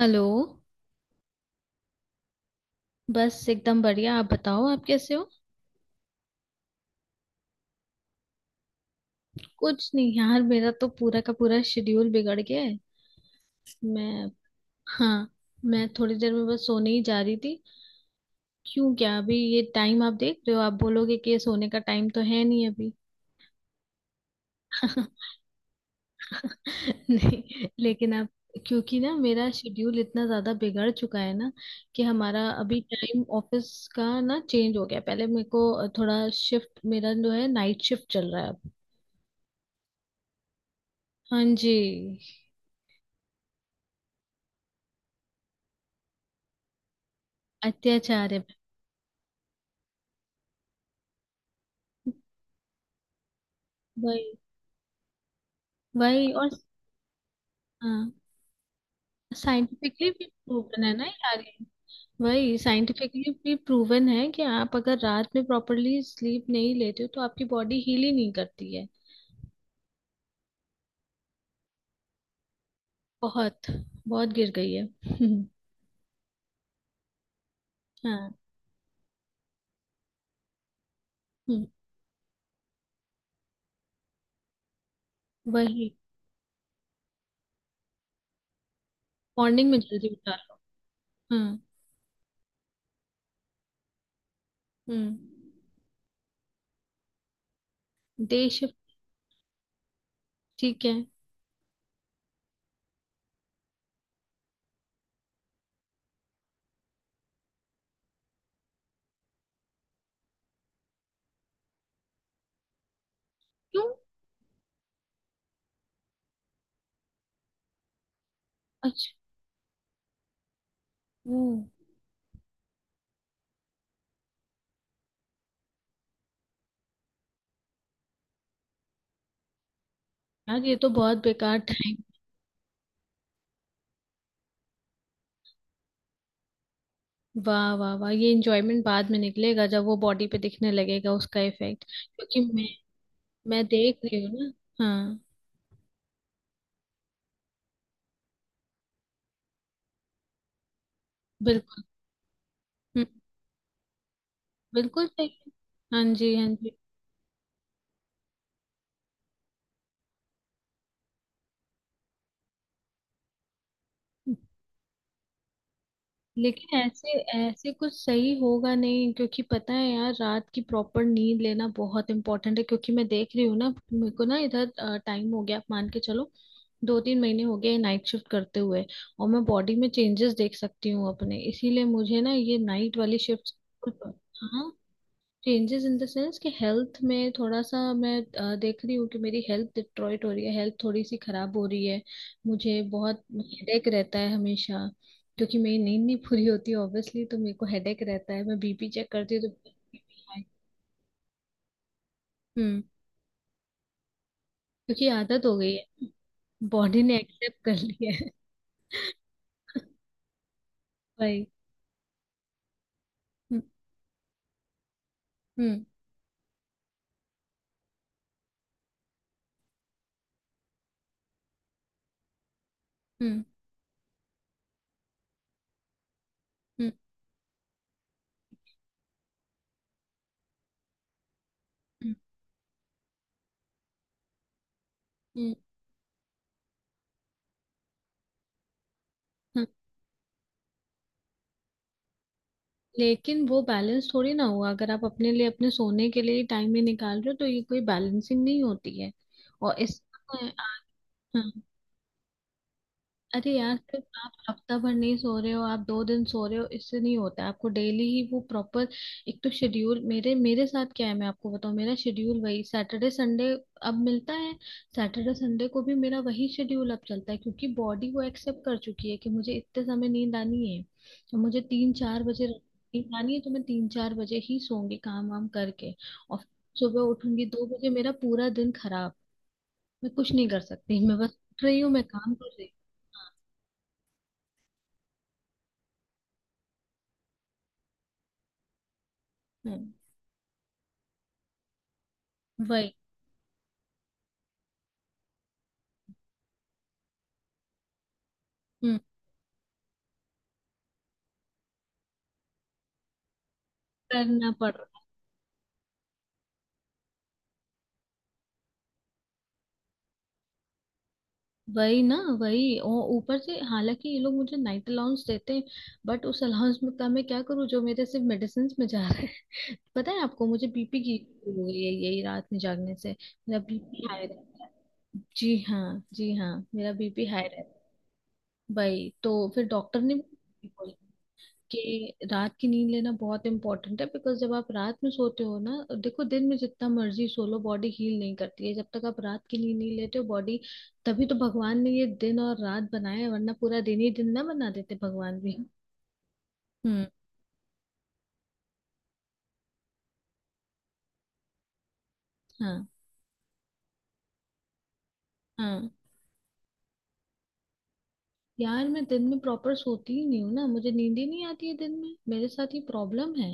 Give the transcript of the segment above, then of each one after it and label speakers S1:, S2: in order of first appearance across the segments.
S1: Hello. बस एकदम बढ़िया, आप बताओ, आप कैसे हो? कुछ नहीं यार, मेरा तो पूरा का पूरा शेड्यूल बिगड़ गया है। मैं हाँ। मैं थोड़ी देर में बस सोने ही जा रही थी। क्यों? क्या अभी ये टाइम आप देख रहे हो, आप बोलोगे कि ये सोने का टाइम तो है नहीं अभी। नहीं लेकिन आप क्योंकि ना मेरा शेड्यूल इतना ज्यादा बिगड़ चुका है ना, कि हमारा अभी टाइम ऑफिस का ना चेंज हो गया। पहले मेरे को थोड़ा शिफ्ट मेरा जो है, नाइट शिफ्ट चल रहा है अब। हाँ जी। अत्याचार है। वही। वही। और हाँ। साइंटिफिकली भी प्रूवन है ना यार ये। वही साइंटिफिकली भी प्रूवन है कि आप अगर रात में प्रॉपरली स्लीप नहीं लेते हो तो आपकी बॉडी हील ही नहीं करती है। बहुत, बहुत गिर गई है। हाँ। हम्म। वही। मॉर्निंग में जल्दी उठा लो। हाँ। हम्म। Day shift. ठीक है। क्यों? अच्छा। वो यार ये तो बहुत बेकार टाइम। वाह वाह वाह, ये एंजॉयमेंट बाद में निकलेगा जब वो बॉडी पे दिखने लगेगा उसका इफेक्ट, क्योंकि मैं देख रही हूँ ना। हाँ। बिल्कुल। हम्म, बिल्कुल सही है। हाँ जी, हाँ जी। लेकिन ऐसे ऐसे कुछ सही होगा नहीं, क्योंकि पता है यार रात की प्रॉपर नींद लेना बहुत इंपॉर्टेंट है। क्योंकि मैं देख रही हूँ ना, मेरे को ना इधर टाइम हो गया, आप मान के चलो 2-3 महीने हो गए नाइट शिफ्ट करते हुए। और मैं बॉडी में चेंजेस देख सकती हूँ अपने, इसीलिए मुझे ना ये नाइट वाली शिफ्ट। हाँ। चेंजेस इन द सेंस कि हेल्थ में थोड़ा सा मैं देख रही हूँ कि मेरी हेल्थ डिस्ट्रॉयट हो रही है, हेल्थ थोड़ी सी खराब हो रही है। मुझे बहुत हेडेक रहता है हमेशा, क्योंकि मेरी नींद नहीं पूरी होती ऑब्वियसली तो मेरे को हेडेक रहता है। मैं बीपी चेक करती हूँ तो high। हम्म। क्योंकि आदत हो गई है। बॉडी ने एक्सेप्ट कर लिया है। भाई। हम्म। हम्म। हम्म। हम्म। हम्म। हम्म। लेकिन वो बैलेंस थोड़ी ना हुआ अगर आप अपने लिए अपने सोने के लिए टाइम ही निकाल रहे हो, तो ये कोई बैलेंसिंग नहीं होती है। और इस हाँ। अरे यार सिर्फ आप हफ्ता भर नहीं सो रहे हो, आप दो दिन सो रहे हो, इससे नहीं होता है। आपको डेली ही वो प्रॉपर एक तो शेड्यूल मेरे मेरे साथ क्या है, मैं आपको बताऊं, मेरा शेड्यूल वही सैटरडे संडे अब मिलता है। सैटरडे संडे को भी मेरा वही शेड्यूल अब चलता है, क्योंकि बॉडी वो एक्सेप्ट कर चुकी है कि मुझे इतने समय नींद आनी है। तो मुझे 3-4 बजे नींद आनी है तो मैं 3-4 बजे ही सोऊंगी, काम वाम करके। और सुबह उठूंगी 2 बजे, मेरा पूरा दिन खराब। मैं कुछ नहीं कर सकती, मैं बस उठ रही हूँ, मैं काम कर रही हूँ। हाँ, वही। हम्म। करना पड़ रहा है। वही ना, वही, और ऊपर से हालांकि ये लोग मुझे नाइट अलाउंस देते हैं, बट उस अलाउंस में का मैं क्या करूँ, जो मेरे सिर्फ मेडिसिन में जा रहा है। पता है आपको, मुझे बीपी की issue हो गई है, यही रात में जागने से। मेरा बीपी हाई रहता है। जी हाँ, जी हाँ, मेरा बीपी हाई रहता है। वही तो, फिर डॉक्टर ने भी बोला कि रात की नींद लेना बहुत इंपॉर्टेंट है, बिकॉज जब आप रात में सोते हो ना, देखो दिन में जितना मर्जी सो लो बॉडी हील नहीं करती है, जब तक आप रात की नींद नहीं लेते हो बॉडी। तभी तो भगवान ने ये दिन और रात बनाया है, वरना पूरा दिन ही दिन ना बना देते भगवान भी। हम्म। हाँ। हाँ यार, मैं दिन में प्रॉपर सोती ही नहीं हूँ ना, मुझे नींद ही नहीं आती है दिन में, मेरे साथ ये प्रॉब्लम है।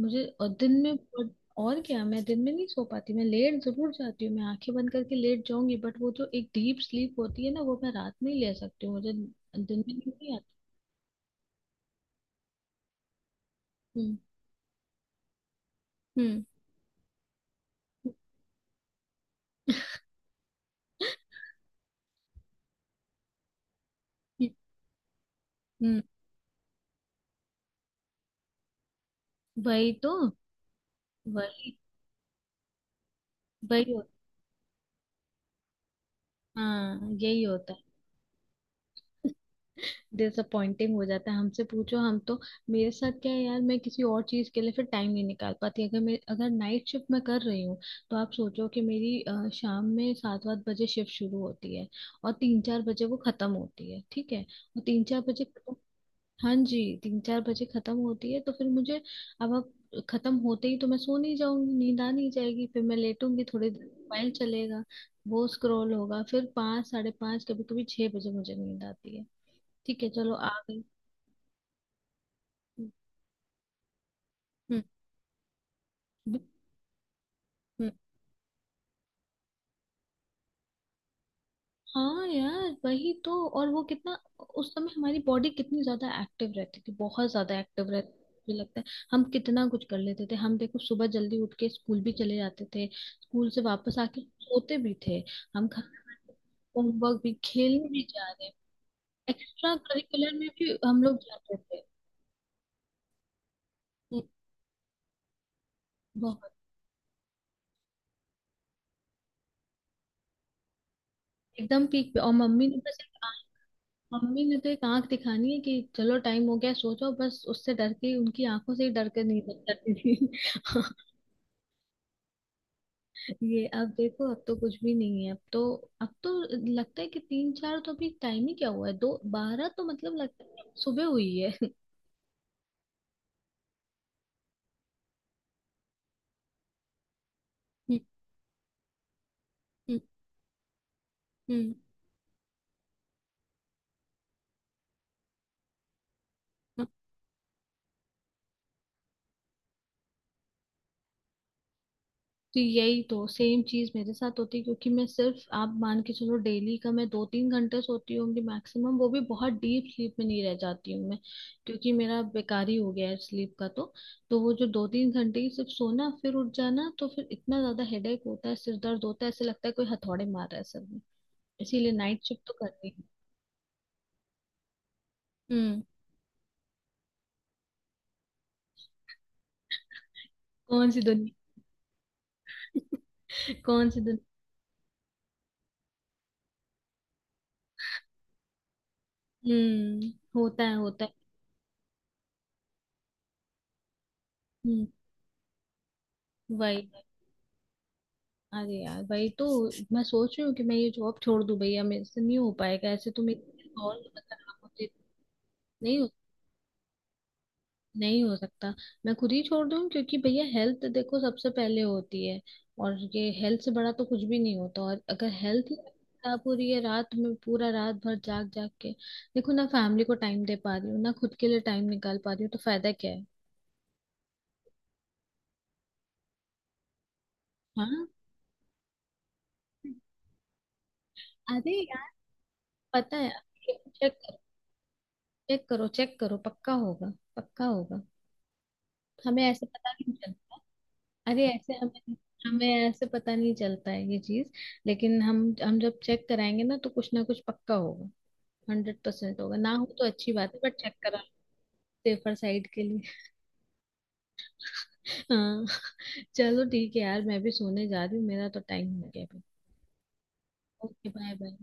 S1: मुझे और दिन में और और क्या, मैं दिन में नहीं सो पाती। मैं लेट जरूर जाती हूँ, मैं आंखें बंद करके लेट जाऊंगी, बट वो जो एक डीप स्लीप होती है ना, वो मैं रात में ही ले सकती हूँ, मुझे दिन में नींद नहीं आती। हम्म। हम्म। हम्म, वही तो। वही। वही होता हाँ, यही होता है। डिसअपॉइंटिंग हो जाता है, हमसे पूछो हम तो। मेरे साथ क्या है यार, मैं किसी और चीज के लिए फिर टाइम नहीं निकाल पाती, अगर मैं, अगर नाइट शिफ्ट मैं कर रही हूँ। तो आप सोचो, कि मेरी शाम में 7-8 बजे शिफ्ट शुरू होती है और 3-4 बजे वो खत्म होती है, ठीक है। और 3-4 बजे, हाँ जी, 3-4 बजे खत्म होती है तो फिर मुझे अब खत्म होते ही तो मैं सो नहीं जाऊंगी, नींद आ नहीं जाएगी, फिर मैं लेटूंगी थोड़ी देर, मोबाइल चलेगा, वो स्क्रॉल होगा, फिर 5, साढ़े 5 कभी कभी 6 बजे मुझे नींद आती है। ठीक है, चलो आ गई। हम्म। ब- हम्म। हाँ यार, वही तो। और वो कितना, उस समय हमारी बॉडी कितनी ज्यादा एक्टिव रहती थी, बहुत ज्यादा एक्टिव रहती थी। मुझे लगता है, हम कितना कुछ कर लेते थे, हम देखो सुबह जल्दी उठ के स्कूल भी चले जाते थे, स्कूल से वापस आके सोते भी थे। हम खाना खाते, होमवर्क भी, खेलने भी जा रहे, एक्स्ट्रा करिकुलर में भी हम लोग जाते थे। हम्म। बहुत। एकदम पीक पे। मम्मी ने तो एक आंख दिखानी है कि चलो टाइम हो गया सो जाओ, बस उससे डर के, उनकी आंखों से ही डर के नहीं करती थी। ये अब देखो, अब तो कुछ भी नहीं है। अब तो लगता है कि तीन चार तो अभी टाइम ही क्या हुआ है, दो बारह तो मतलब लगता है सुबह हुई है। हम्म। हम्म। हम्म। तो यही तो सेम चीज मेरे साथ होती है, क्योंकि मैं सिर्फ, आप मान के चलो, डेली का मैं 2-3 घंटे सोती होंगी मैक्सिमम, वो भी बहुत डीप स्लीप में नहीं रह जाती हूँ मैं, क्योंकि मेरा बेकार ही हो गया है स्लीप का तो। तो वो जो 2-3 घंटे ही सिर्फ सोना, फिर उठ जाना, तो फिर इतना ज्यादा हेडेक होता है, सिर दर्द होता है, ऐसे लगता है कोई हथौड़े मार रहा है सर में। इसीलिए नाइट शिफ्ट तो करनी है। हम्म। कौन सी दुनिया? कौन सी दुनिया? हम्म। होता है, होता है। हम्म। वही। अरे यार भाई, तो मैं सोच रही हूँ कि मैं ये जॉब छोड़ दूँ, भैया मेरे से नहीं हो पाएगा ऐसे, तो मेरी, और मतलब आप मुझे, नहीं हो नहीं हो सकता। मैं खुद ही छोड़ दूँ, क्योंकि भैया हेल्थ देखो सबसे पहले होती है, और ये हेल्थ से बड़ा तो कुछ भी नहीं होता। और अगर हेल्थ ही खराब हो रही है, रात में पूरा रात भर जाग जाग के, देखो ना फैमिली को टाइम दे पा रही हूँ, ना खुद के लिए टाइम निकाल पा रही हूँ, तो फायदा क्या है? हाँ। अरे यार, पता है। चेक करो। चेक करो, चेक करो, पक्का होगा। पक्का होगा। हमें ऐसे पता नहीं चलता। अरे ऐसे हमें, हमें ऐसे पता नहीं चलता है ये चीज। लेकिन हम जब चेक कराएंगे ना तो कुछ ना कुछ पक्का होगा। 100% होगा, ना हो तो अच्छी बात है, बट चेक करा। सेफर साइड के लिए। हाँ। चलो ठीक है यार, मैं भी सोने जा रही हूँ, मेरा तो टाइम हो गया अभी। Okay bye bye.